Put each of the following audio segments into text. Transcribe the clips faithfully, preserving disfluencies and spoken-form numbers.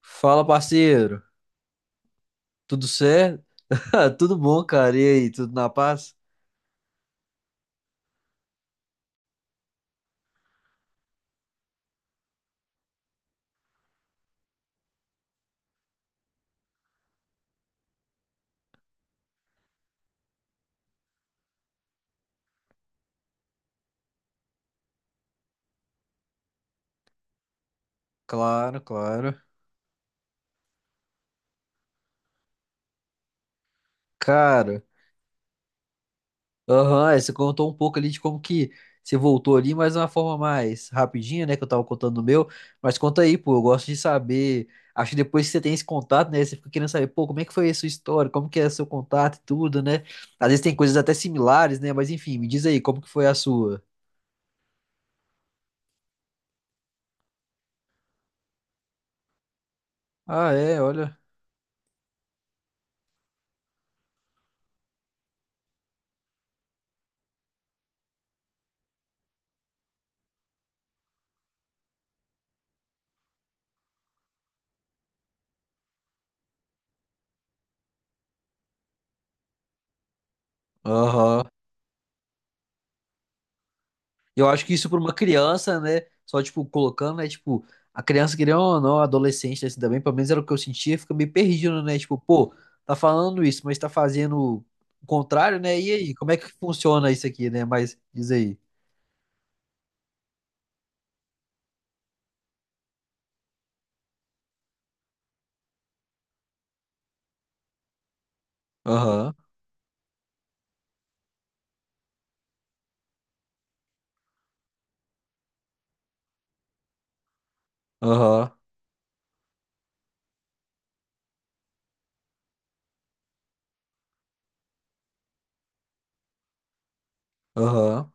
Fala, parceiro. Tudo certo? Ah, tudo bom, cara. E aí, tudo na paz? Claro, claro. Cara, aham, é, você contou um pouco ali de como que você voltou ali, mas de uma forma mais rapidinha, né, que eu tava contando no meu. Mas conta aí, pô, eu gosto de saber. Acho que depois que você tem esse contato, né, você fica querendo saber, pô, como é que foi a sua história, como que é seu contato e tudo, né? Às vezes tem coisas até similares, né, mas enfim, me diz aí, como que foi a sua? Ah, é, olha. Aham. Eu acho que isso para uma criança, né? Só, tipo, colocando, né? Tipo, a criança, querendo ou não, adolescente, assim, também, pelo menos era o que eu sentia, fica meio perdido, né? Tipo, pô, tá falando isso, mas tá fazendo o contrário, né? E aí, como é que funciona isso aqui, né? Mas diz aí. Aham, aham, aham.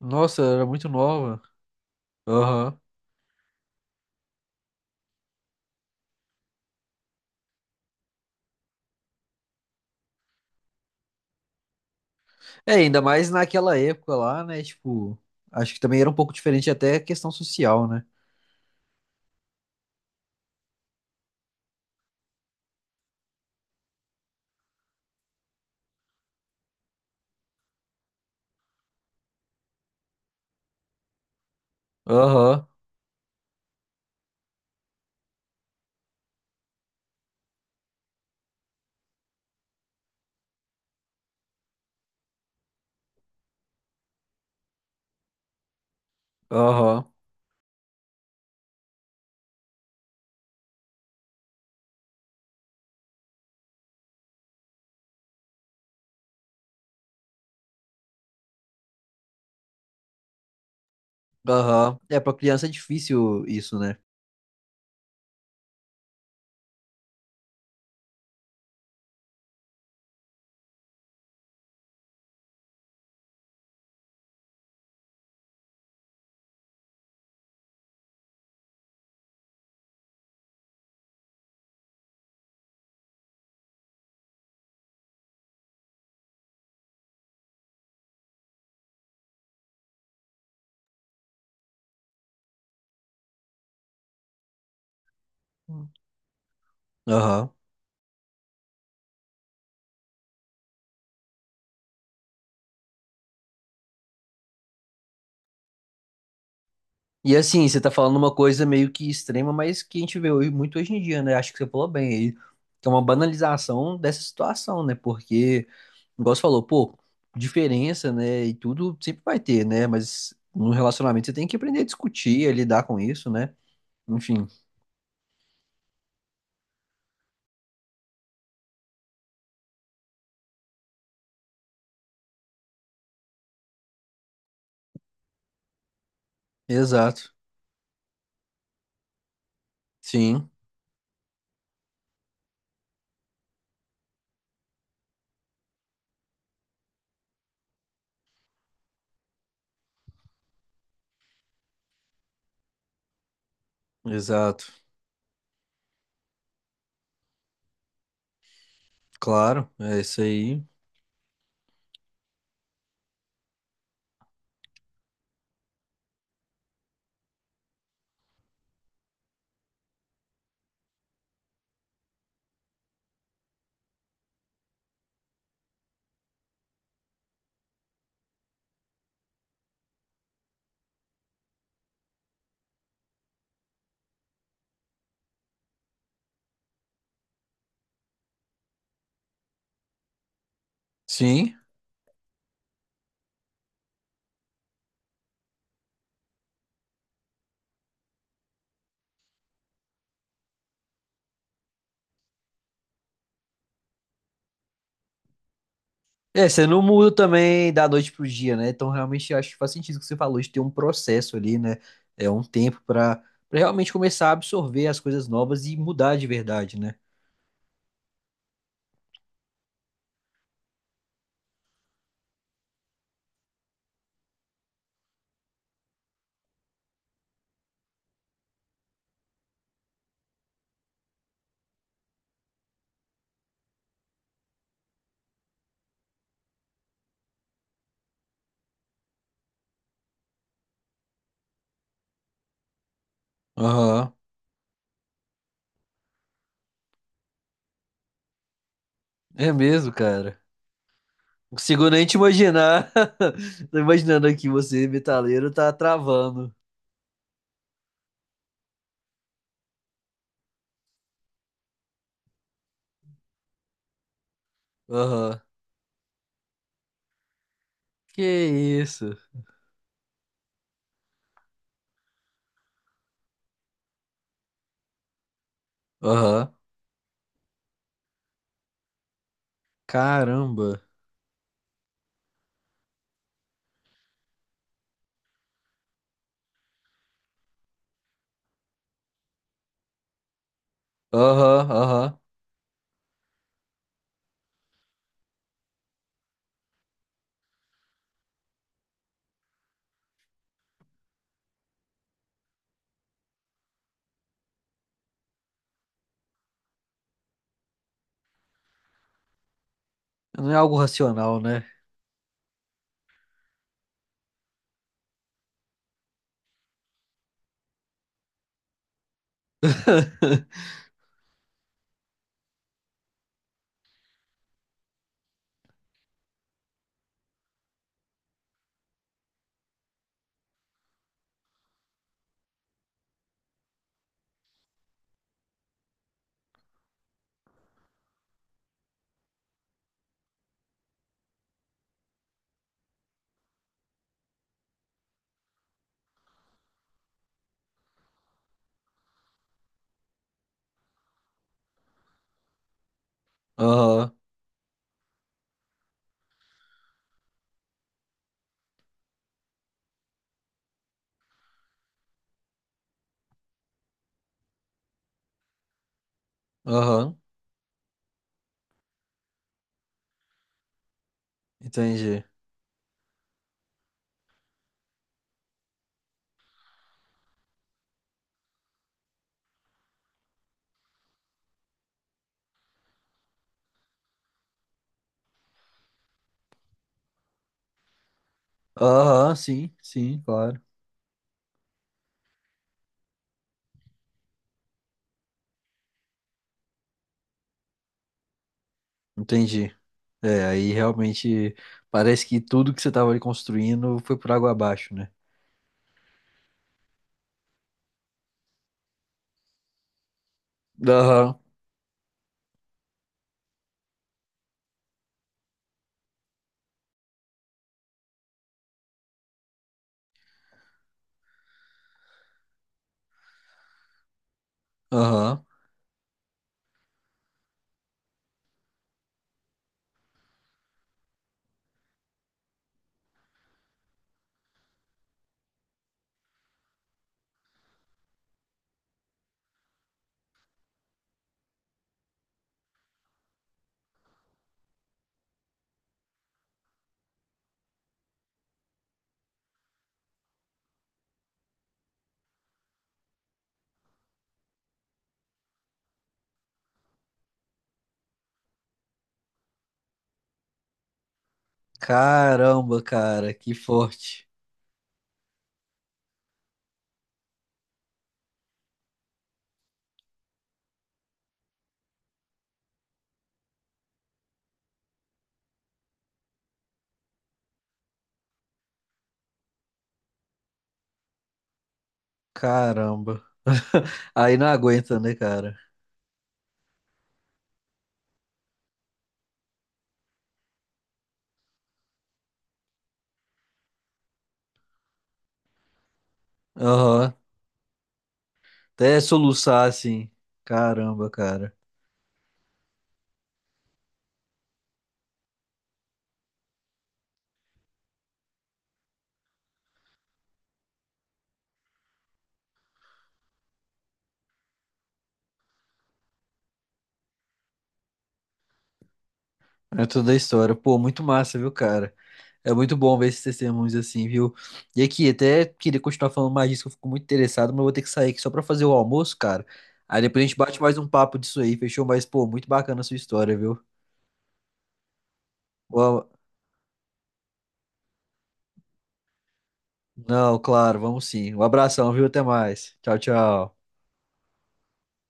Nossa, era muito nova. Aham. É, ainda mais naquela época lá, né? Tipo, acho que também era um pouco diferente até a questão social, né? Aham, aham, aham. É, pra criança é difícil isso, né? Aham. E assim, você tá falando uma coisa meio que extrema, mas que a gente vê hoje, muito hoje em dia, né? Acho que você falou bem aí, que é uma banalização dessa situação, né? Porque, igual você falou, pô, diferença, né? E tudo sempre vai ter, né? Mas num relacionamento você tem que aprender a discutir, a lidar com isso, né? Enfim, exato. Sim, exato. Claro, é isso aí. Sim. É, você não muda também da noite pro dia, né? Então, realmente, eu acho que faz sentido o que você falou, de ter um processo ali, né? É um tempo pra, para realmente começar a absorver as coisas novas e mudar de verdade, né? Aham. É mesmo, cara. Não consigo nem te imaginar. Tô imaginando aqui você, metaleiro, tá travando. Aham. Que isso? Aham. Caramba. Aham, aham. Não é algo racional, né? Aham, aham. Entendi. Aham, sim, sim, claro. Entendi. É, aí realmente parece que tudo que você tava ali construindo foi por água abaixo, né? Aham, aham. Caramba, cara, que forte. Caramba. Aí não aguenta, né, cara? Aham. Até soluçar assim. Caramba, cara. É toda a história. Pô, muito massa, viu, cara? É muito bom ver esses testemunhos assim, viu? E aqui, até queria continuar falando mais disso, que eu fico muito interessado, mas eu vou ter que sair aqui só pra fazer o almoço, cara. Aí depois a gente bate mais um papo disso aí, fechou? Mas, pô, muito bacana a sua história, viu? Boa- Não, claro, vamos sim. Um abração, viu? Até mais. Tchau, tchau.